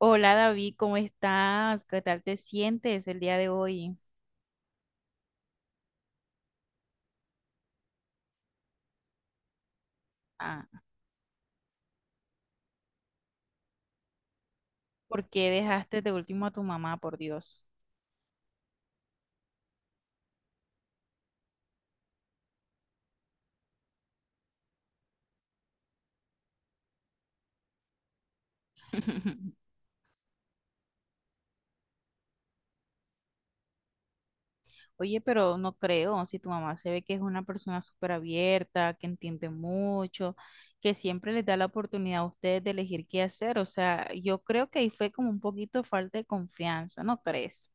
Hola David, ¿cómo estás? ¿Qué tal te sientes el día de hoy? Ah, ¿por qué dejaste de último a tu mamá, por Dios? Oye, pero no creo, si tu mamá se ve que es una persona súper abierta, que entiende mucho, que siempre les da la oportunidad a ustedes de elegir qué hacer, o sea, yo creo que ahí fue como un poquito falta de confianza, ¿no crees?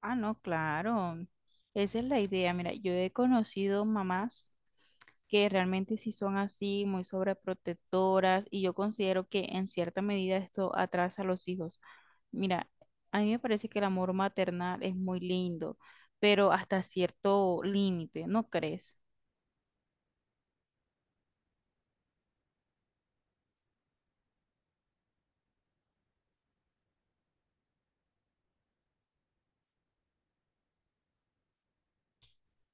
Ah, no, claro, esa es la idea. Mira, yo he conocido mamás que realmente sí son así, muy sobreprotectoras, y yo considero que en cierta medida esto atrasa a los hijos. Mira, a mí me parece que el amor maternal es muy lindo, pero hasta cierto límite, ¿no crees?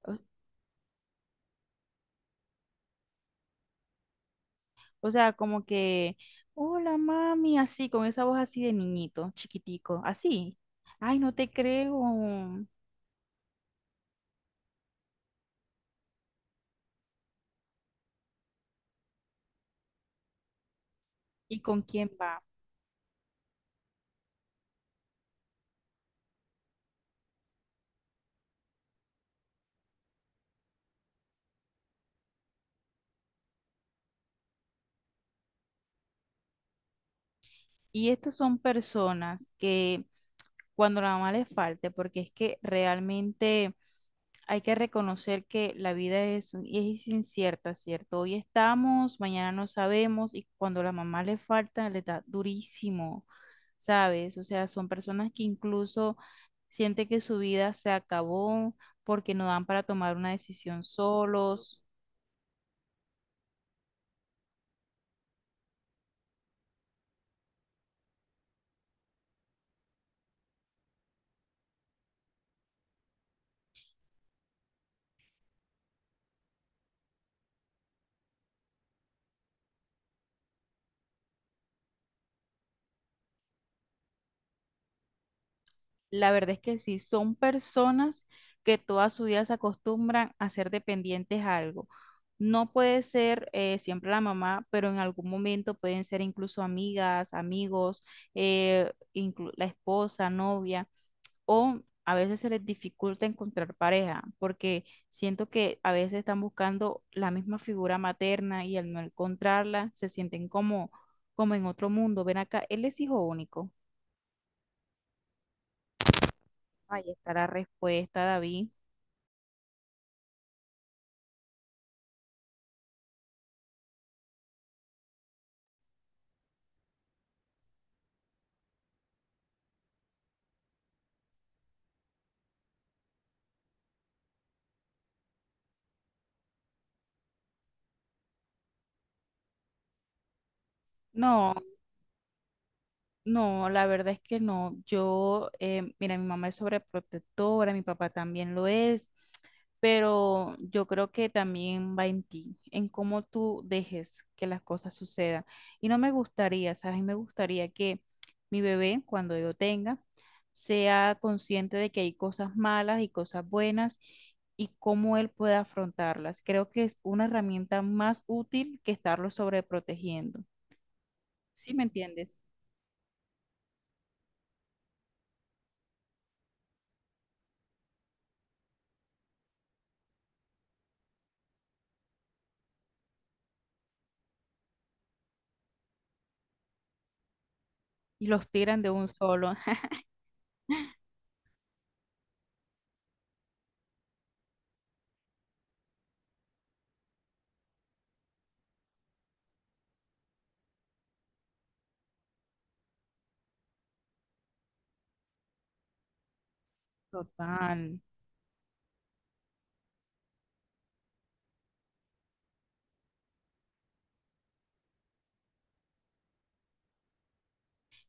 O, o sea, como que, hola mami, así, con esa voz así de niñito, chiquitico, así. Ay, no te creo. ¿Y con quién va? Y estos son personas que cuando la mamá le falte, porque es que realmente hay que reconocer que la vida es incierta, ¿cierto? Hoy estamos, mañana no sabemos y cuando la mamá le falta, le da durísimo, ¿sabes? O sea, son personas que incluso sienten que su vida se acabó porque no dan para tomar una decisión solos. La verdad es que sí, son personas que toda su vida se acostumbran a ser dependientes a algo. No puede ser siempre la mamá, pero en algún momento pueden ser incluso amigas, amigos, la esposa, novia, o a veces se les dificulta encontrar pareja, porque siento que a veces están buscando la misma figura materna y al no encontrarla se sienten como, como en otro mundo. Ven acá, él es hijo único. Ahí está la respuesta, David. No, no, la verdad es que no. Mira, mi mamá es sobreprotectora, mi papá también lo es, pero yo creo que también va en ti, en cómo tú dejes que las cosas sucedan. Y no me gustaría, ¿sabes? Y me gustaría que mi bebé, cuando yo tenga, sea consciente de que hay cosas malas y cosas buenas y cómo él puede afrontarlas. Creo que es una herramienta más útil que estarlo sobreprotegiendo. ¿Sí me entiendes? Y los tiran de un solo. Total.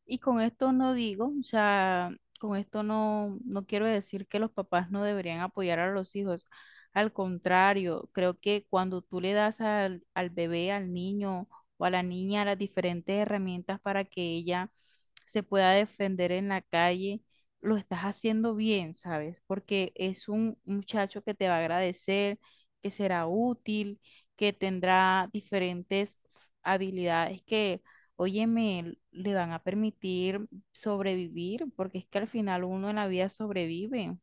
Y con esto no digo, o sea, con esto no quiero decir que los papás no deberían apoyar a los hijos. Al contrario, creo que cuando tú le das al bebé, al niño o a la niña las diferentes herramientas para que ella se pueda defender en la calle, lo estás haciendo bien, ¿sabes? Porque es un muchacho que te va a agradecer, que será útil, que tendrá diferentes habilidades que, óyeme, le van a permitir sobrevivir, porque es que al final uno en la vida sobrevive.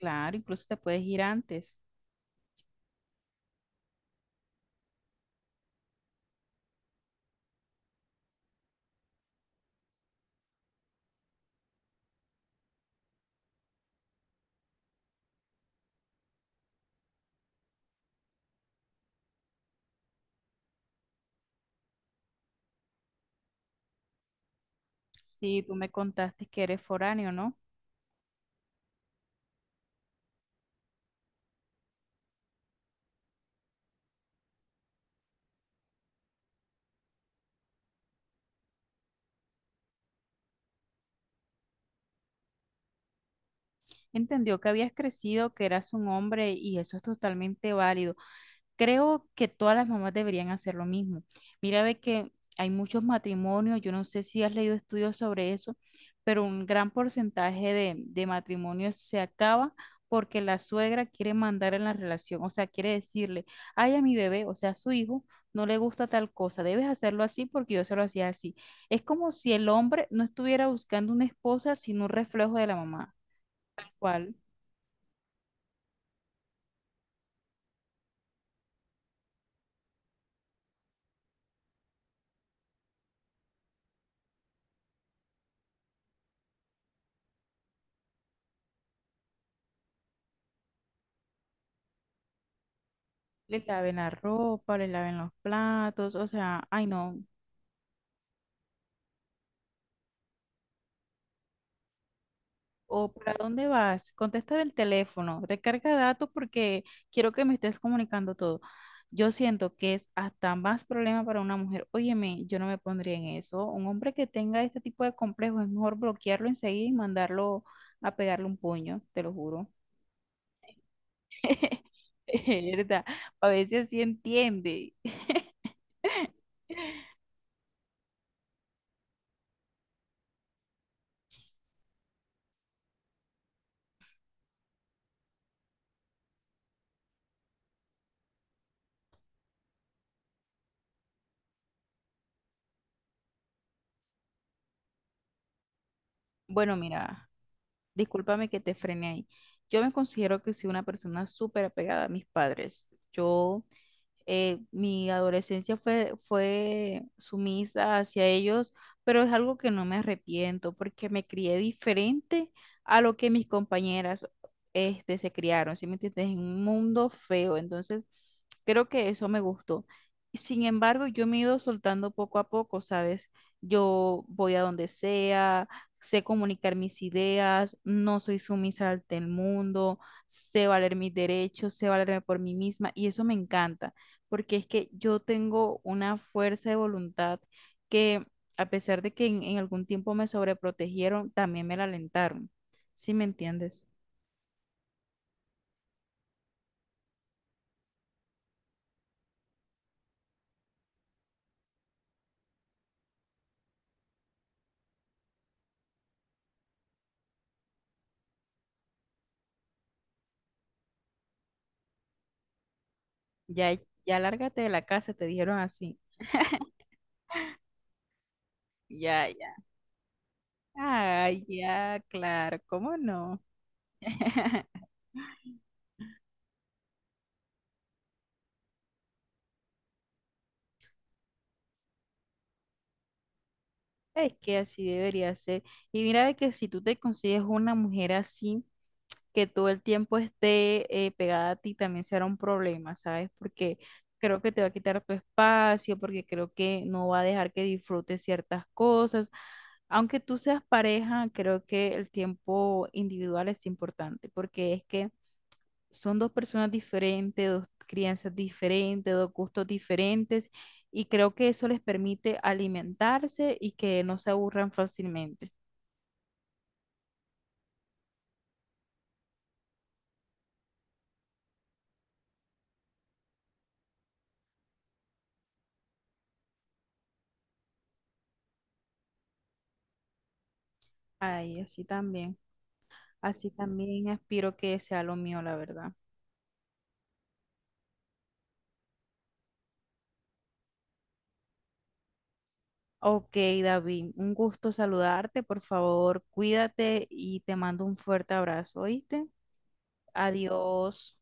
Claro, incluso te puedes ir antes. Sí, tú me contaste que eres foráneo, ¿no? Entendió que habías crecido, que eras un hombre y eso es totalmente válido. Creo que todas las mamás deberían hacer lo mismo. Mira, ve que hay muchos matrimonios, yo no sé si has leído estudios sobre eso, pero un gran porcentaje de matrimonios se acaba porque la suegra quiere mandar en la relación, o sea, quiere decirle, ay, a mi bebé, o sea, a su hijo, no le gusta tal cosa, debes hacerlo así porque yo se lo hacía así. Es como si el hombre no estuviera buscando una esposa, sino un reflejo de la mamá, al cual le laven la ropa, le laven los platos, o sea, ay, no. ¿O para dónde vas? Contesta el teléfono, recarga datos porque quiero que me estés comunicando todo. Yo siento que es hasta más problema para una mujer. Óyeme, yo no me pondría en eso. Un hombre que tenga este tipo de complejo es mejor bloquearlo enseguida y mandarlo a pegarle un puño, te lo juro. Es verdad, a veces sí entiende. Bueno, mira, discúlpame que te frene ahí. Yo me considero que soy una persona súper apegada a mis padres. Yo Mi adolescencia fue sumisa hacia ellos, pero es algo que no me arrepiento porque me crié diferente a lo que mis compañeras, este, se criaron, ¿sí me entiendes? En un mundo feo, entonces creo que eso me gustó. Sin embargo, yo me he ido soltando poco a poco, ¿sabes? Yo voy a donde sea, sé comunicar mis ideas, no soy sumisa ante el mundo, sé valer mis derechos, sé valerme por mí misma y eso me encanta porque es que yo tengo una fuerza de voluntad que, a pesar de que en algún tiempo me sobreprotegieron, también me la alentaron. ¿Sí me entiendes? Ya, ya lárgate de la casa, te dijeron así. Ya, ya. Ay, ya, claro, ¿cómo no? Es que así debería ser. Y mira, ve que si tú te consigues una mujer así, que todo el tiempo esté, pegada a ti, también será un problema, ¿sabes? Porque creo que te va a quitar tu espacio, porque creo que no va a dejar que disfrutes ciertas cosas. Aunque tú seas pareja, creo que el tiempo individual es importante, porque es que son dos personas diferentes, dos crianzas diferentes, dos gustos diferentes, y creo que eso les permite alimentarse y que no se aburran fácilmente. Ay, así también. Así también aspiro que sea lo mío, la verdad. Ok, David, un gusto saludarte. Por favor, cuídate y te mando un fuerte abrazo, ¿oíste? Adiós.